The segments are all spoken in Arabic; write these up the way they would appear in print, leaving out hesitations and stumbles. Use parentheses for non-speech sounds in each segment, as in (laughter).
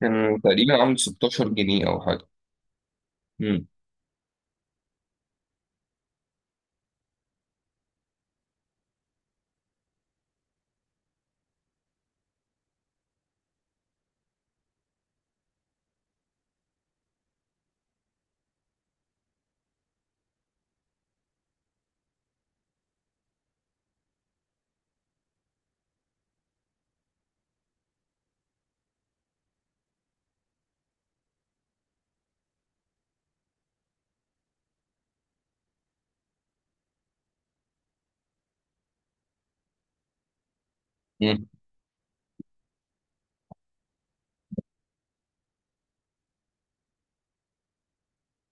كان تقريبا عامل 16 جنيه او حاجه. امم امم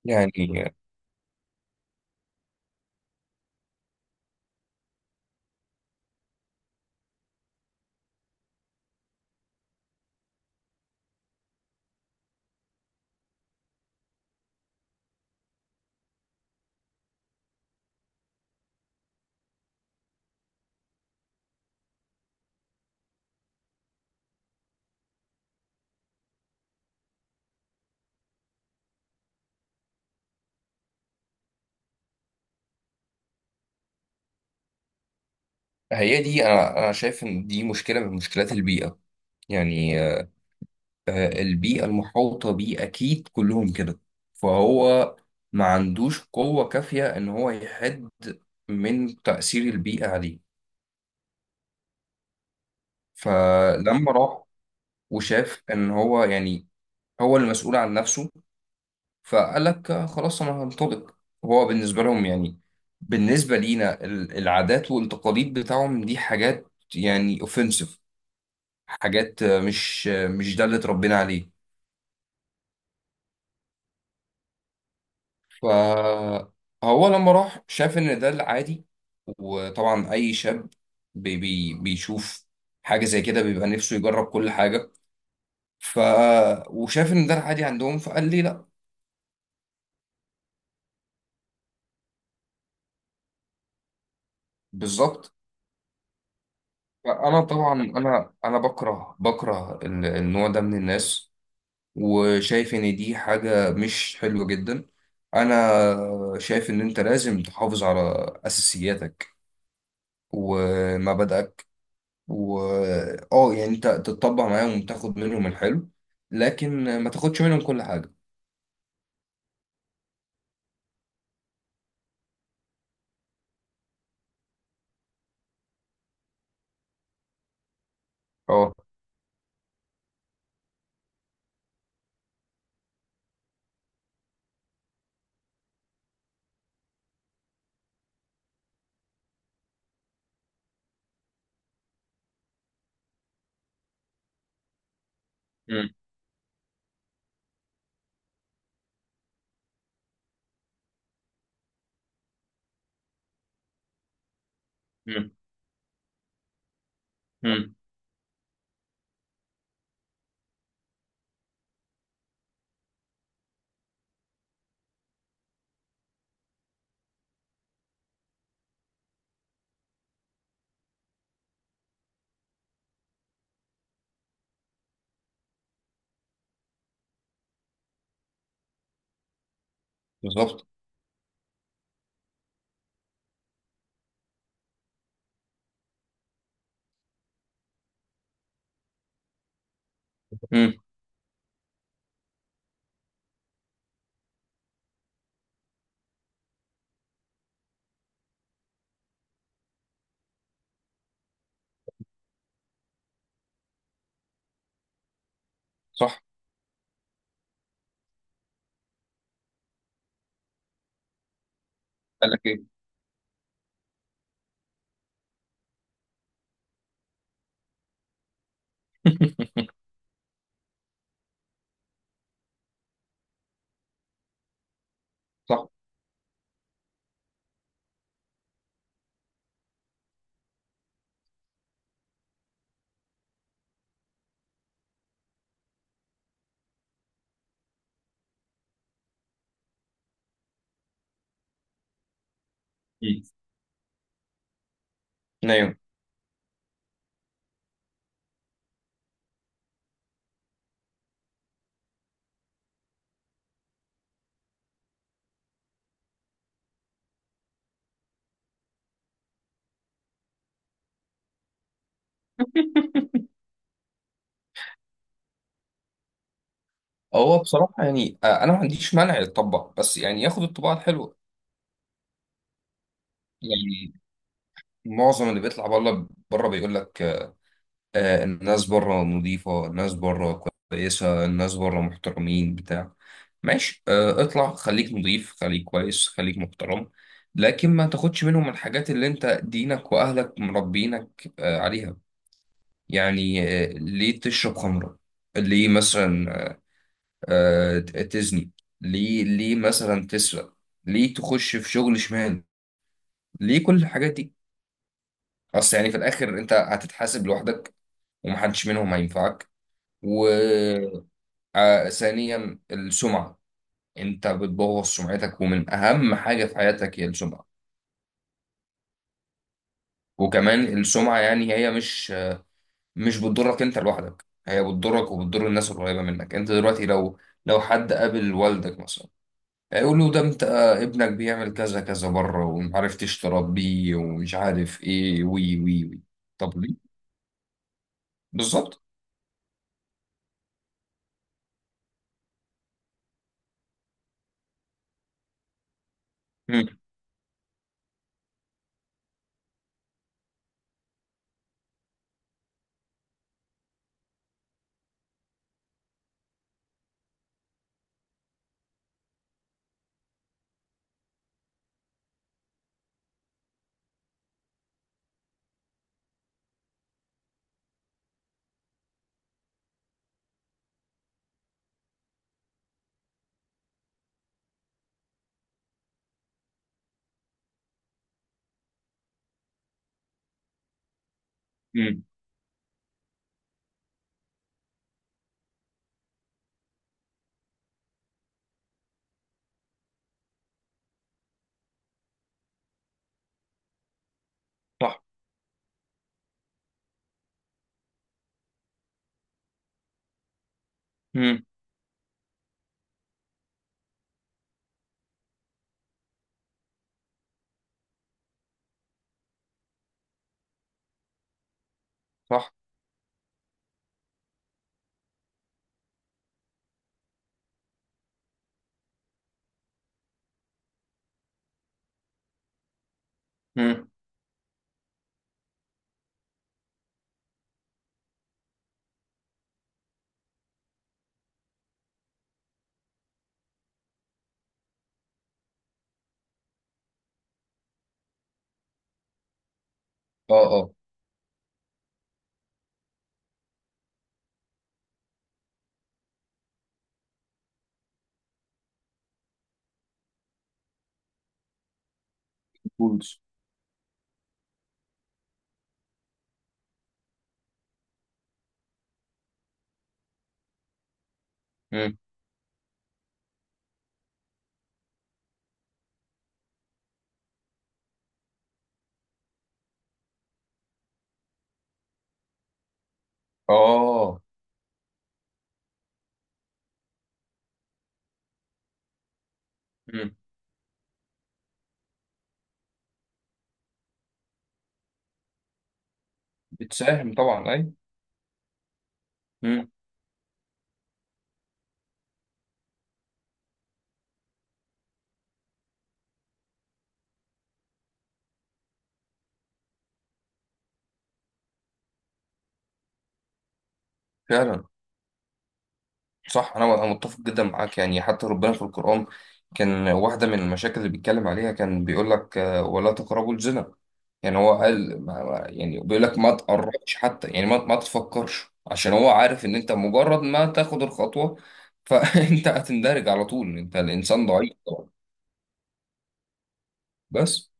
يعني هي دي، انا شايف ان دي مشكله من مشكلات البيئه. يعني البيئه المحاوطه بيه اكيد كلهم كده، فهو ما عندوش قوه كافيه ان هو يحد من تاثير البيئه عليه. فلما راح وشاف ان هو يعني هو المسؤول عن نفسه، فقال لك خلاص انا هنطلق. هو بالنسبه لهم، يعني بالنسبه لينا العادات والتقاليد بتاعهم دي حاجات يعني اوفنسيف. حاجات مش ده اللي اتربينا عليه. فهو لما راح شاف ان ده العادي، وطبعا اي شاب بي بي بيشوف حاجه زي كده بيبقى نفسه يجرب كل حاجه. ف وشاف ان ده العادي عندهم، فقال لي لا. بالظبط. فانا طبعا انا بكره النوع ده من الناس، وشايف ان دي حاجة مش حلوة جدا. انا شايف ان انت لازم تحافظ على اساسياتك ومبادئك، و اه يعني انت تتطبع معاهم وتاخد منهم الحلو، لكن ما تاخدش منهم كل حاجة. اه مم. مم. مم. بالظبط. امم صح. قال لك ايه؟ (laughs) صح. مم. ايوه، هو بصراحة يعني أنا ما عنديش مانع يتطبع، بس يعني ياخد الطباعة الحلوة. يعني معظم اللي بيطلع بره بره بيقول لك الناس بره نظيفة، الناس بره كويسة، الناس بره محترمين بتاع. ماشي، اطلع خليك نظيف، خليك كويس، خليك محترم، لكن ما تاخدش منهم الحاجات اللي انت دينك واهلك مربينك عليها. يعني ليه تشرب خمرة؟ ليه مثلا تزني؟ ليه مثلا تسرق؟ ليه تخش في شغل شمال؟ ليه كل الحاجات دي؟ اصل يعني في الاخر انت هتتحاسب لوحدك، ومحدش منهم هينفعك، و... ثانيا السمعة. انت بتبوظ سمعتك، ومن اهم حاجة في حياتك هي السمعة. وكمان السمعة يعني هي مش بتضرك انت لوحدك، هي بتضرك وبتضر الناس القريبة منك. انت دلوقتي لو حد قابل والدك مثلا، هيقول له ده انت، ابنك بيعمل كذا كذا بره، ومعرفتش تربيه، ومش عارف ايه، وي وي وي. طب ليه؟ بالظبط. مم، مم، صح، مم، صح. مم. اه اه. تولز. مم. اه. مم. بتساهم طبعا اي. مم. فعلا. صح، انا متفق جدا معاك. يعني حتى ربنا في القرآن، كان واحدة من المشاكل اللي بيتكلم عليها، كان بيقول لك ولا تقربوا الزنا. يعني هو قال يعني بيقول لك ما تقربش حتى، يعني ما تفكرش، عشان هو عارف ان انت مجرد ما تاخد الخطوة، فانت (laughs) هتندرج على طول. انت الانسان ضعيف طبعا. بس،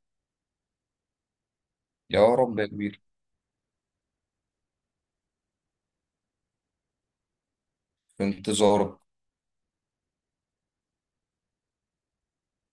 يا رب يا كبير. في انتظارك.